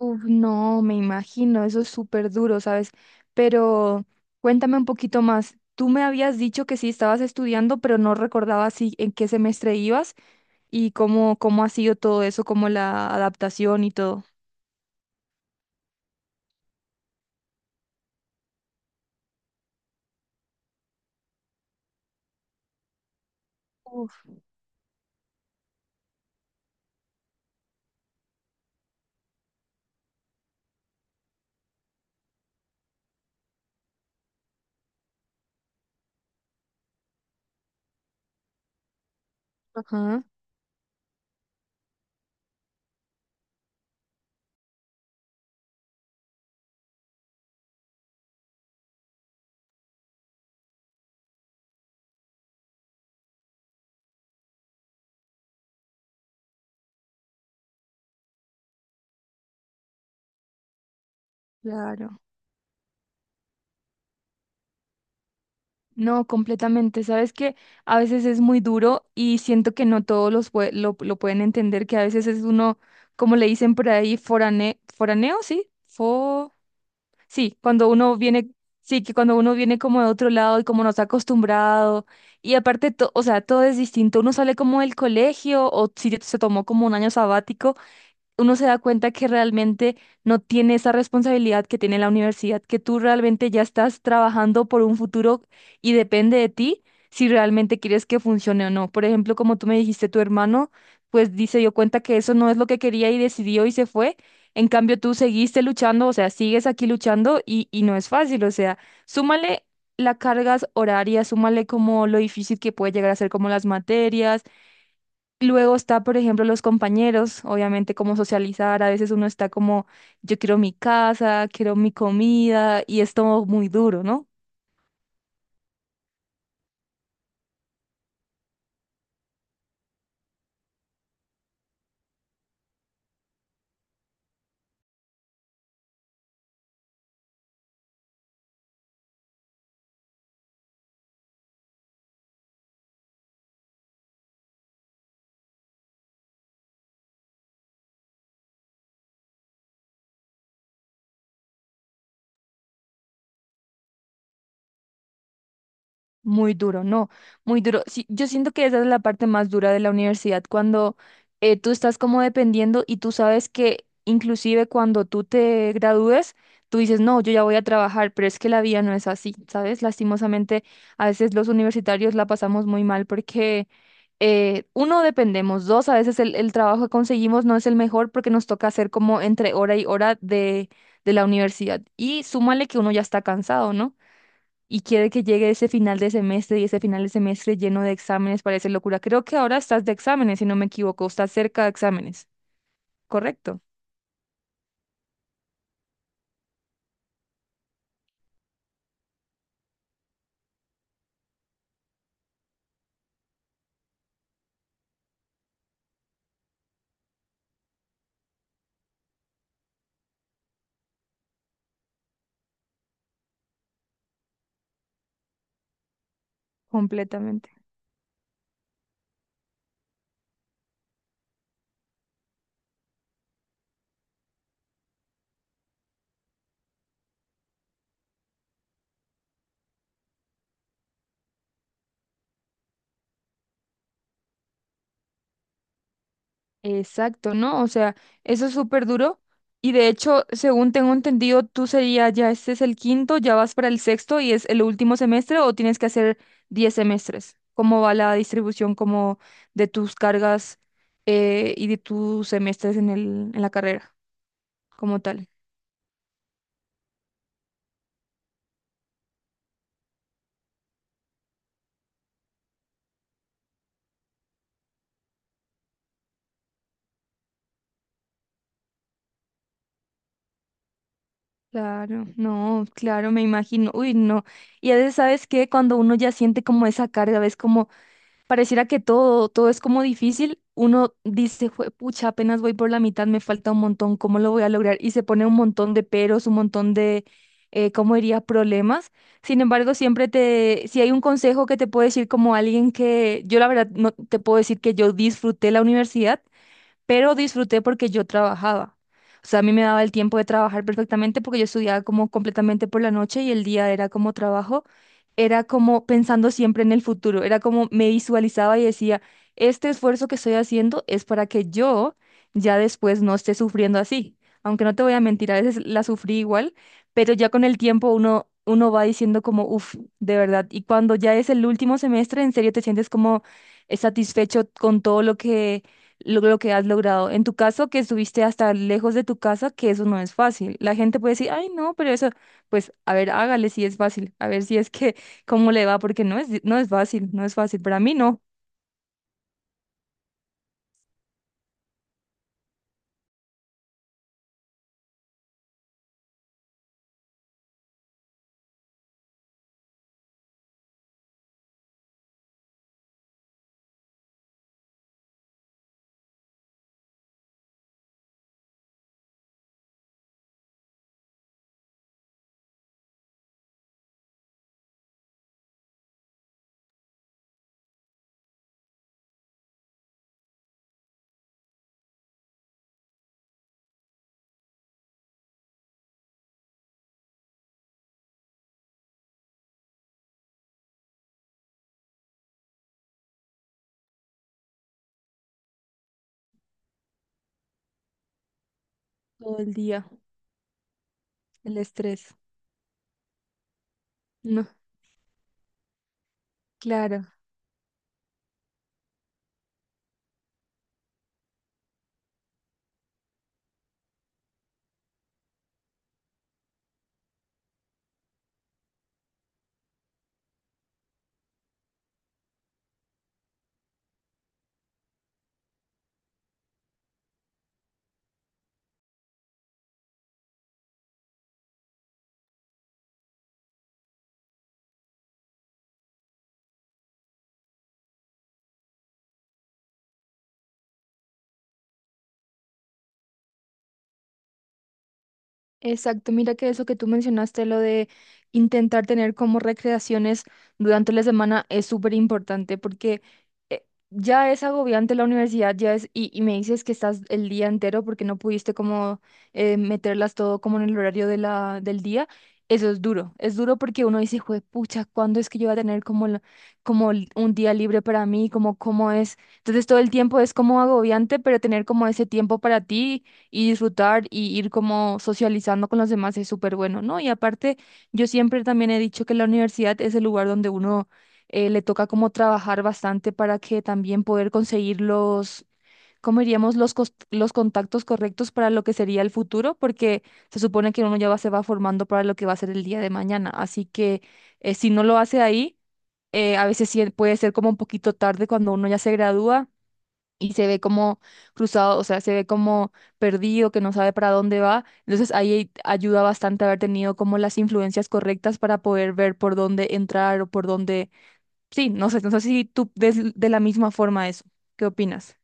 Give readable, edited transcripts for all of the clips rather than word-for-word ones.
Uf, no, me imagino, eso es súper duro, ¿sabes? Pero cuéntame un poquito más. Tú me habías dicho que sí estabas estudiando, pero no recordaba si en qué semestre ibas y cómo ha sido todo eso, como la adaptación y todo. Uf, ajá, claro. No, completamente. Sabes que a veces es muy duro y siento que no todos los lo pueden entender, que a veces es uno, como le dicen por ahí, foraneo, ¿sí? Sí, cuando uno viene, sí, que cuando uno viene como de otro lado y como no está acostumbrado, y aparte, o sea, todo es distinto. Uno sale como del colegio o si se tomó como un año sabático, uno se da cuenta que realmente no tiene esa responsabilidad que tiene la universidad, que tú realmente ya estás trabajando por un futuro y depende de ti si realmente quieres que funcione o no. Por ejemplo, como tú me dijiste, tu hermano, pues se dio cuenta que eso no es lo que quería y decidió y se fue. En cambio, tú seguiste luchando, o sea, sigues aquí luchando y no es fácil, o sea, súmale las cargas horarias, súmale como lo difícil que puede llegar a ser como las materias. Luego está, por ejemplo, los compañeros, obviamente como socializar. A veces uno está como, yo quiero mi casa, quiero mi comida, y es todo muy duro, ¿no? Muy duro, no, muy duro. Sí, yo siento que esa es la parte más dura de la universidad, cuando tú estás como dependiendo y tú sabes que inclusive cuando tú te gradúes, tú dices, no, yo ya voy a trabajar, pero es que la vida no es así, ¿sabes? Lastimosamente, a veces los universitarios la pasamos muy mal porque uno, dependemos; dos, a veces el trabajo que conseguimos no es el mejor porque nos toca hacer como entre hora y hora de la universidad. Y súmale que uno ya está cansado, ¿no? Y quiere que llegue ese final de semestre, y ese final de semestre lleno de exámenes parece locura. Creo que ahora estás de exámenes, si no me equivoco, estás cerca de exámenes, ¿correcto? Completamente. Exacto, ¿no? O sea, eso es súper duro. Y de hecho, según tengo entendido, tú sería ya este es el quinto, ya vas para el sexto y es el último semestre o tienes que hacer 10 semestres. ¿Cómo va la distribución como de tus cargas y de tus semestres en en la carrera como tal? Claro, no, claro, me imagino. Uy, no. Y a veces, ¿sabes qué? Cuando uno ya siente como esa carga, ves como pareciera que todo, todo es como difícil, uno dice, "Jue- pucha, apenas voy por la mitad, me falta un montón, ¿cómo lo voy a lograr?". Y se pone un montón de peros, un montón de, ¿cómo diría? Problemas. Sin embargo, siempre te, si hay un consejo que te puedo decir como alguien que, yo la verdad no te puedo decir que yo disfruté la universidad, pero disfruté porque yo trabajaba. O sea, a mí me daba el tiempo de trabajar perfectamente porque yo estudiaba como completamente por la noche y el día era como trabajo, era como pensando siempre en el futuro, era como me visualizaba y decía, este esfuerzo que estoy haciendo es para que yo ya después no esté sufriendo así. Aunque no te voy a mentir, a veces la sufrí igual, pero ya con el tiempo uno va diciendo como, uff, de verdad. Y cuando ya es el último semestre, en serio te sientes como satisfecho con todo lo que lo que has logrado. En tu caso, que estuviste hasta lejos de tu casa, que eso no es fácil. La gente puede decir, ay, no, pero eso, pues, a ver, hágale si es fácil, a ver si es que, cómo le va, porque no es, no es fácil, no es fácil. Para mí no. Todo el día, el estrés. No, claro. Exacto, mira que eso que tú mencionaste, lo de intentar tener como recreaciones durante la semana es súper importante porque ya es agobiante la universidad, ya es, y me dices que estás el día entero porque no pudiste como meterlas todo como en el horario de la, del día. Eso es duro porque uno dice, jue pucha, ¿cuándo es que yo voy a tener como, como un día libre para mí? Como, ¿cómo es? Entonces todo el tiempo es como agobiante, pero tener como ese tiempo para ti y disfrutar y ir como socializando con los demás es súper bueno, ¿no? Y aparte, yo siempre también he dicho que la universidad es el lugar donde uno le toca como trabajar bastante para que también poder conseguir los, ¿cómo diríamos? Los, los contactos correctos para lo que sería el futuro, porque se supone que uno ya va, se va formando para lo que va a ser el día de mañana. Así que si no lo hace ahí, a veces sí puede ser como un poquito tarde cuando uno ya se gradúa y se ve como cruzado, o sea, se ve como perdido, que no sabe para dónde va. Entonces ahí ayuda bastante haber tenido como las influencias correctas para poder ver por dónde entrar o por dónde... Sí, no sé, no sé si tú ves de la misma forma eso. ¿Qué opinas?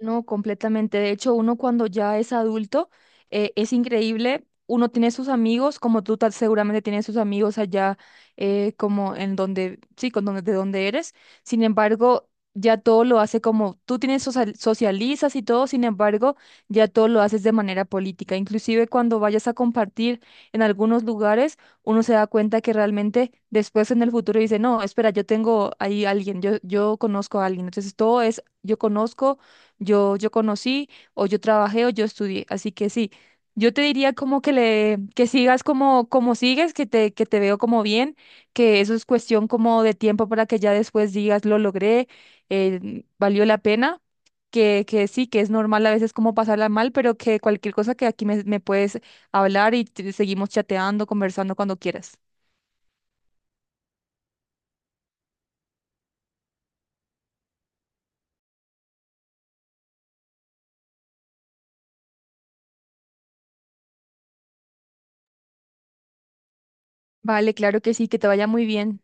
No, completamente. De hecho, uno cuando ya es adulto, es increíble. Uno tiene sus amigos, como tú seguramente tienes sus amigos allá, como en donde, sí, con donde, de donde eres. Sin embargo, ya todo lo hace como, tú tienes socializas y todo. Sin embargo, ya todo lo haces de manera política. Inclusive cuando vayas a compartir en algunos lugares, uno se da cuenta que realmente después en el futuro dice, no, espera, yo tengo ahí alguien, yo conozco a alguien. Entonces todo es, yo conozco, yo conocí o yo trabajé o yo estudié. Así que sí, yo te diría como que le, que sigas como, como sigues, que te veo como bien, que eso es cuestión como de tiempo para que ya después digas lo logré, valió la pena. Que sí, que es normal a veces como pasarla mal, pero que cualquier cosa que aquí me puedes hablar y seguimos chateando, conversando cuando quieras. Vale, claro que sí, que te vaya muy bien.